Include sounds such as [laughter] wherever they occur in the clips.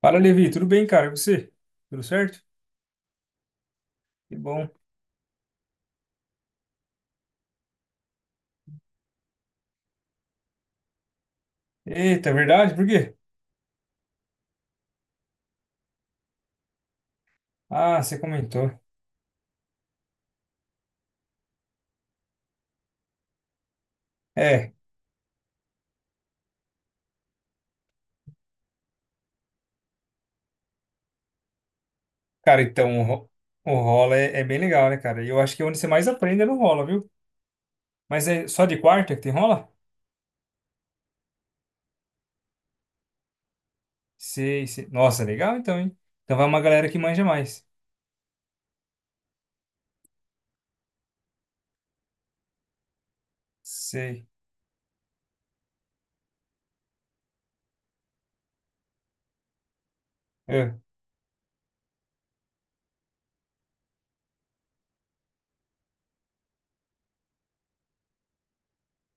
Fala, Levi, tudo bem, cara? E você? Tudo certo? Que bom. Eita, é verdade? Por quê? Ah, você comentou. É, cara, então o rola é bem legal, né, cara? E eu acho que é onde você mais aprende é no rola, viu? Mas é só de quarta que tem rola? Sei, sei. Nossa, legal então, hein? Então vai uma galera que manja mais. Sei. É.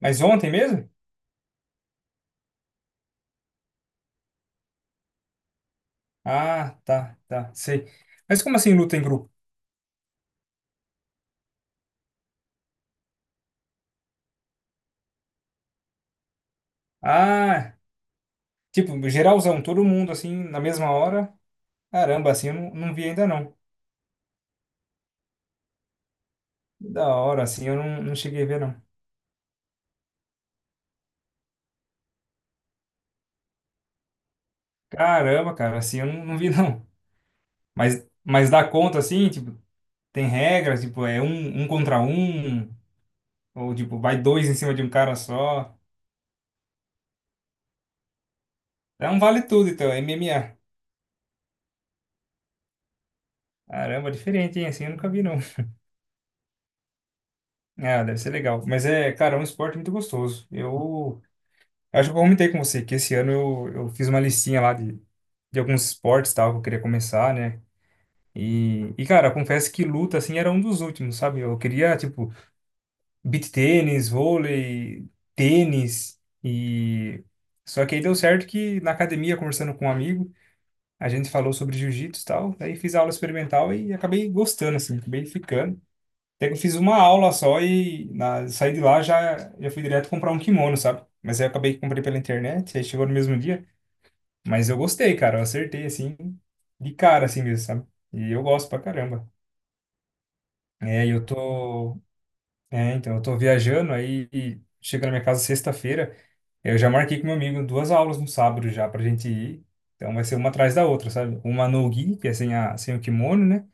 Mas ontem mesmo? Ah, tá, tá, sei. Mas como assim luta em grupo? Ah, tipo, geralzão, todo mundo assim, na mesma hora? Caramba, assim eu não vi ainda não. Da hora, assim, eu não cheguei a ver, não. Caramba, cara, assim, eu não vi, [laughs] não. Mas dá conta, assim, tipo, tem regras, tipo, é um contra um, ou, tipo, vai dois em cima de um cara só. É um vale tudo, então, é MMA. Caramba, diferente, hein, assim, eu nunca vi, não. Ah, deve ser legal. Mas é, cara, é um esporte muito gostoso. Eu acho que eu comentei com você que esse ano eu fiz uma listinha lá de alguns esportes, tal, que eu queria começar, né? E, cara, confesso que luta, assim, era um dos últimos, sabe? Eu queria, tipo, beach tênis, vôlei, tênis e só que aí deu certo que na academia conversando com um amigo, a gente falou sobre jiu-jitsu e tal, aí fiz aula experimental e acabei gostando assim, acabei ficando. Até que eu fiz uma aula só saí de lá já fui direto comprar um kimono, sabe? Mas aí eu acabei que comprei pela internet, aí chegou no mesmo dia, mas eu gostei, cara, eu acertei assim de cara assim mesmo, sabe? E eu gosto pra caramba. É, então eu tô viajando aí e chega na minha casa sexta-feira. Eu já marquei com meu amigo duas aulas no sábado já pra gente ir. Então vai ser uma atrás da outra, sabe? Uma no gi, que é sem o kimono, né?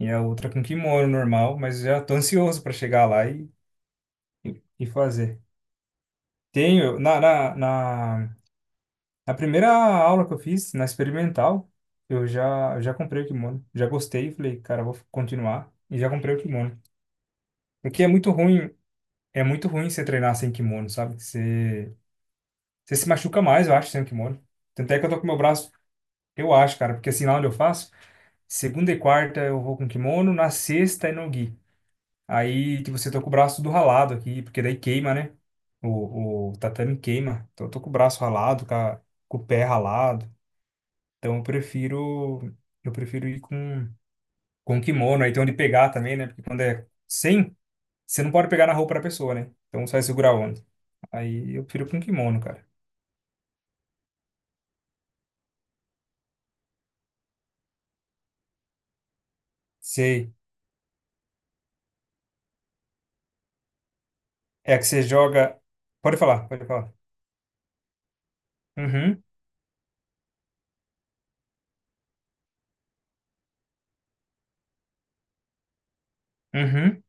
E a outra com kimono normal, mas já tô ansioso pra chegar lá e fazer. Tenho, na primeira aula que eu fiz, na experimental, eu já comprei o kimono. Já gostei, falei, cara, vou continuar. E já comprei o kimono. Porque é muito ruim você treinar sem kimono, sabe? Você se machuca mais, eu acho, sem o kimono. Tanto é que eu tô com meu braço. Eu acho, cara, porque assim, lá onde eu faço, segunda e quarta eu vou com kimono, na sexta é no gi. Aí, tipo, você tô com o braço do ralado aqui, porque daí queima, né? O tatame queima. Então eu tô com o braço ralado, com o pé ralado. Então eu prefiro ir com kimono. Aí tem onde pegar também, né? Porque quando é sem, você não pode pegar na roupa da pessoa, né? Então você vai segurar onde? Aí eu prefiro com kimono, cara. Sei. É que você joga. Pode falar, pode falar. Uhum, uhum.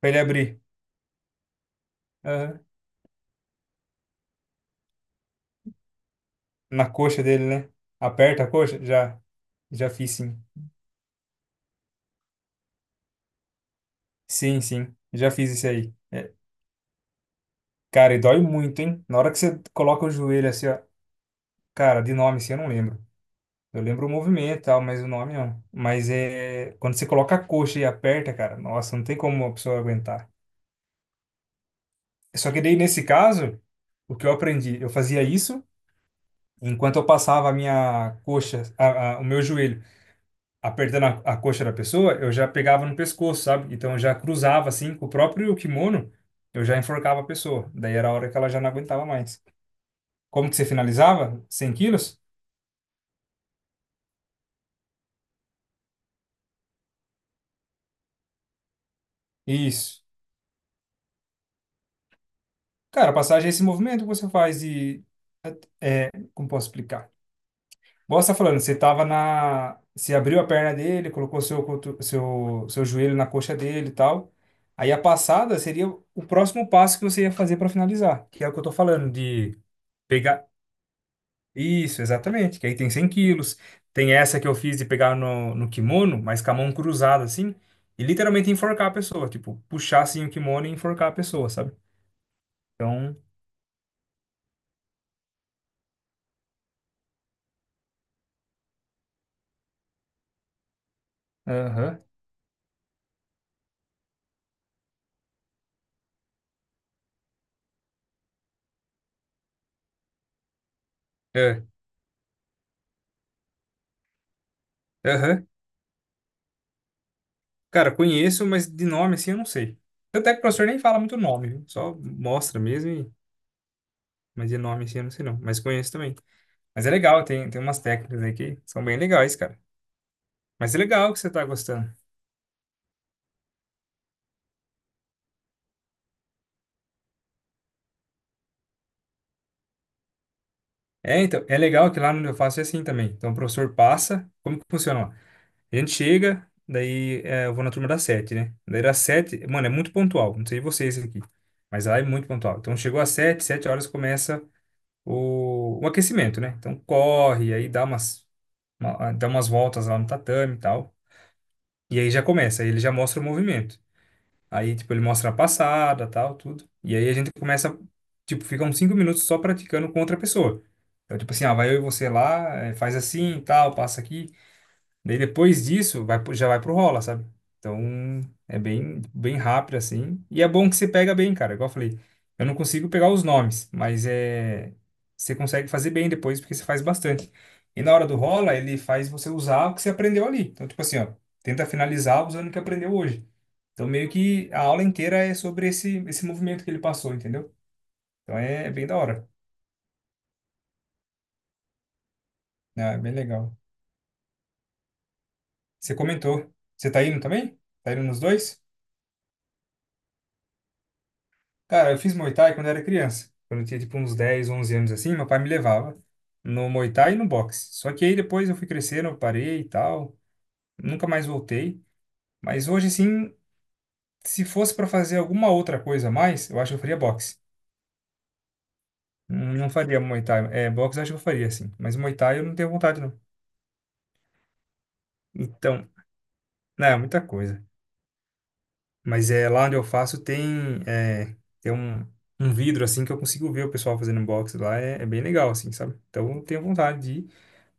Pra ele abrir. Aham. Na coxa dele, né? Aperta a coxa? Já fiz, sim. Sim, sim, já fiz isso aí. É, cara, e dói muito, hein? Na hora que você coloca o joelho assim, ó, cara, de nome assim eu não lembro. Eu lembro o movimento e tal, mas o nome não. Mas é quando você coloca a coxa e aperta, cara, nossa, não tem como a pessoa aguentar. Só que daí nesse caso, o que eu aprendi, eu fazia isso enquanto eu passava a minha coxa, o meu joelho apertando a coxa da pessoa, eu já pegava no pescoço, sabe? Então eu já cruzava assim com o próprio kimono, eu já enforcava a pessoa. Daí era a hora que ela já não aguentava mais. Como que você finalizava? 100 quilos? Isso. Cara, a passagem é esse movimento que você faz como posso explicar? Igual você tá falando, você abriu a perna dele, colocou seu cotu- seu seu joelho na coxa dele e tal. Aí a passada seria o próximo passo que você ia fazer para finalizar, que é o que eu tô falando de pegar. Isso, exatamente. Que aí tem 100 quilos. Tem essa que eu fiz de pegar no kimono, mas com a mão cruzada, assim, e literalmente enforcar a pessoa. Tipo, puxar, assim, o kimono e enforcar a pessoa, sabe? Então, aham, é, aham. Cara, conheço, mas de nome, assim, eu não sei. Tanto é que o professor nem fala muito nome, viu? Só mostra mesmo, mas de nome, assim, eu não sei não. Mas conheço também. Mas é legal, tem umas técnicas aí que são bem legais, cara. Mas é legal que você tá gostando. É, então, é legal que lá onde eu faço é assim também. Então, o professor passa. Como que funciona lá? A gente chega, daí eu vou na turma das sete, né? Daí das sete, mano, é muito pontual. Não sei vocês aqui, mas lá é muito pontual. Então chegou às sete, sete horas começa o aquecimento, né? Então corre, aí dá umas voltas lá no tatame e tal. E aí já começa, aí ele já mostra o movimento. Aí, tipo, ele mostra a passada, tal, tudo. E aí a gente começa, tipo, fica uns 5 minutos só praticando com outra pessoa. Então, tipo assim, ah, vai eu e você lá, faz assim, tal, passa aqui. Daí depois disso, já vai pro rola, sabe? Então, é bem, bem rápido assim. E é bom que você pega bem, cara. Igual eu falei, eu não consigo pegar os nomes, mas você consegue fazer bem depois porque você faz bastante. E na hora do rola, ele faz você usar o que você aprendeu ali. Então, tipo assim, ó, tenta finalizar usando o que aprendeu hoje. Então, meio que a aula inteira é sobre esse movimento que ele passou, entendeu? Então, é bem da hora. Né? É bem legal. Você comentou. Você tá indo também? Tá indo nos dois? Cara, eu fiz Muay Thai quando era criança. Quando eu tinha tipo uns 10 11 anos assim, meu pai me levava no Muay Thai e no boxe. Só que aí depois eu fui crescendo, eu parei e tal, nunca mais voltei. Mas hoje assim, se fosse pra fazer alguma outra coisa a mais, eu acho que eu faria boxe. Não faria Muay Thai. É, boxe eu acho que eu faria assim, mas Muay Thai eu não tenho vontade não. Então, não, é muita coisa. Mas é lá onde eu faço tem tem um vidro assim que eu consigo ver o pessoal fazendo boxe lá, é bem legal assim, sabe? Então eu tenho vontade de ir.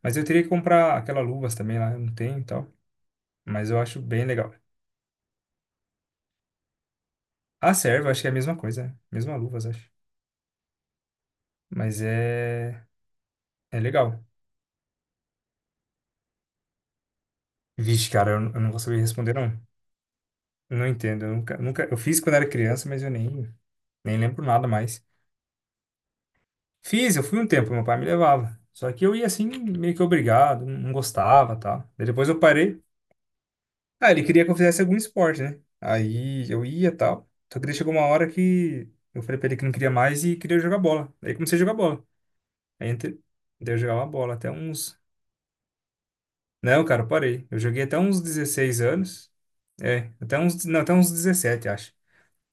Mas eu teria que comprar aquelas luvas também lá, eu não tenho e tal. Mas eu acho bem legal. A serva, acho que é a mesma coisa, né? Mesma luvas, acho. Mas é legal. Vixe, cara, eu não vou saber responder, não. Eu não entendo. Eu nunca, nunca... Eu fiz quando era criança, mas eu nem lembro nada mais. Fiz, eu fui um tempo, meu pai me levava. Só que eu ia assim, meio que obrigado, não gostava, tal. Daí depois eu parei. Ah, ele queria que eu fizesse algum esporte, né? Aí eu ia, tal. Só que daí chegou uma hora que eu falei pra ele que não queria mais e queria jogar bola. Daí comecei a jogar bola. Aí entre- Daí eu jogava bola até uns. Não, cara, eu parei. Eu joguei até uns 16 anos. É, até uns. Não, até uns 17 acho.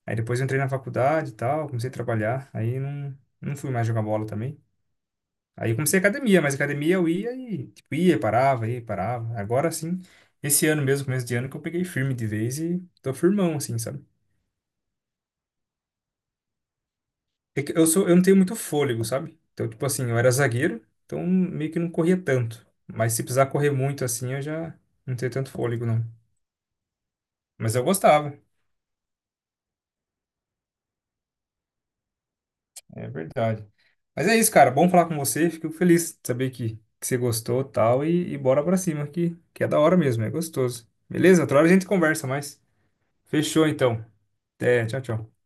Aí depois eu entrei na faculdade e tal, comecei a trabalhar. Aí não fui mais jogar bola também. Aí eu comecei academia, mas academia eu ia e tipo, ia, parava, ia, parava. Agora sim, esse ano mesmo, começo de ano, que eu peguei firme de vez e tô firmão, assim, sabe? É que eu não tenho muito fôlego, sabe? Então, tipo assim, eu era zagueiro, então meio que não corria tanto. Mas se precisar correr muito assim, eu já não tenho tanto fôlego, não. Mas eu gostava, é verdade. Mas é isso, cara. Bom falar com você. Fico feliz de saber que você gostou tal, e bora pra cima, que é da hora mesmo, é gostoso. Beleza? Outra hora a gente conversa mais. Fechou, então. Até, tchau, tchau.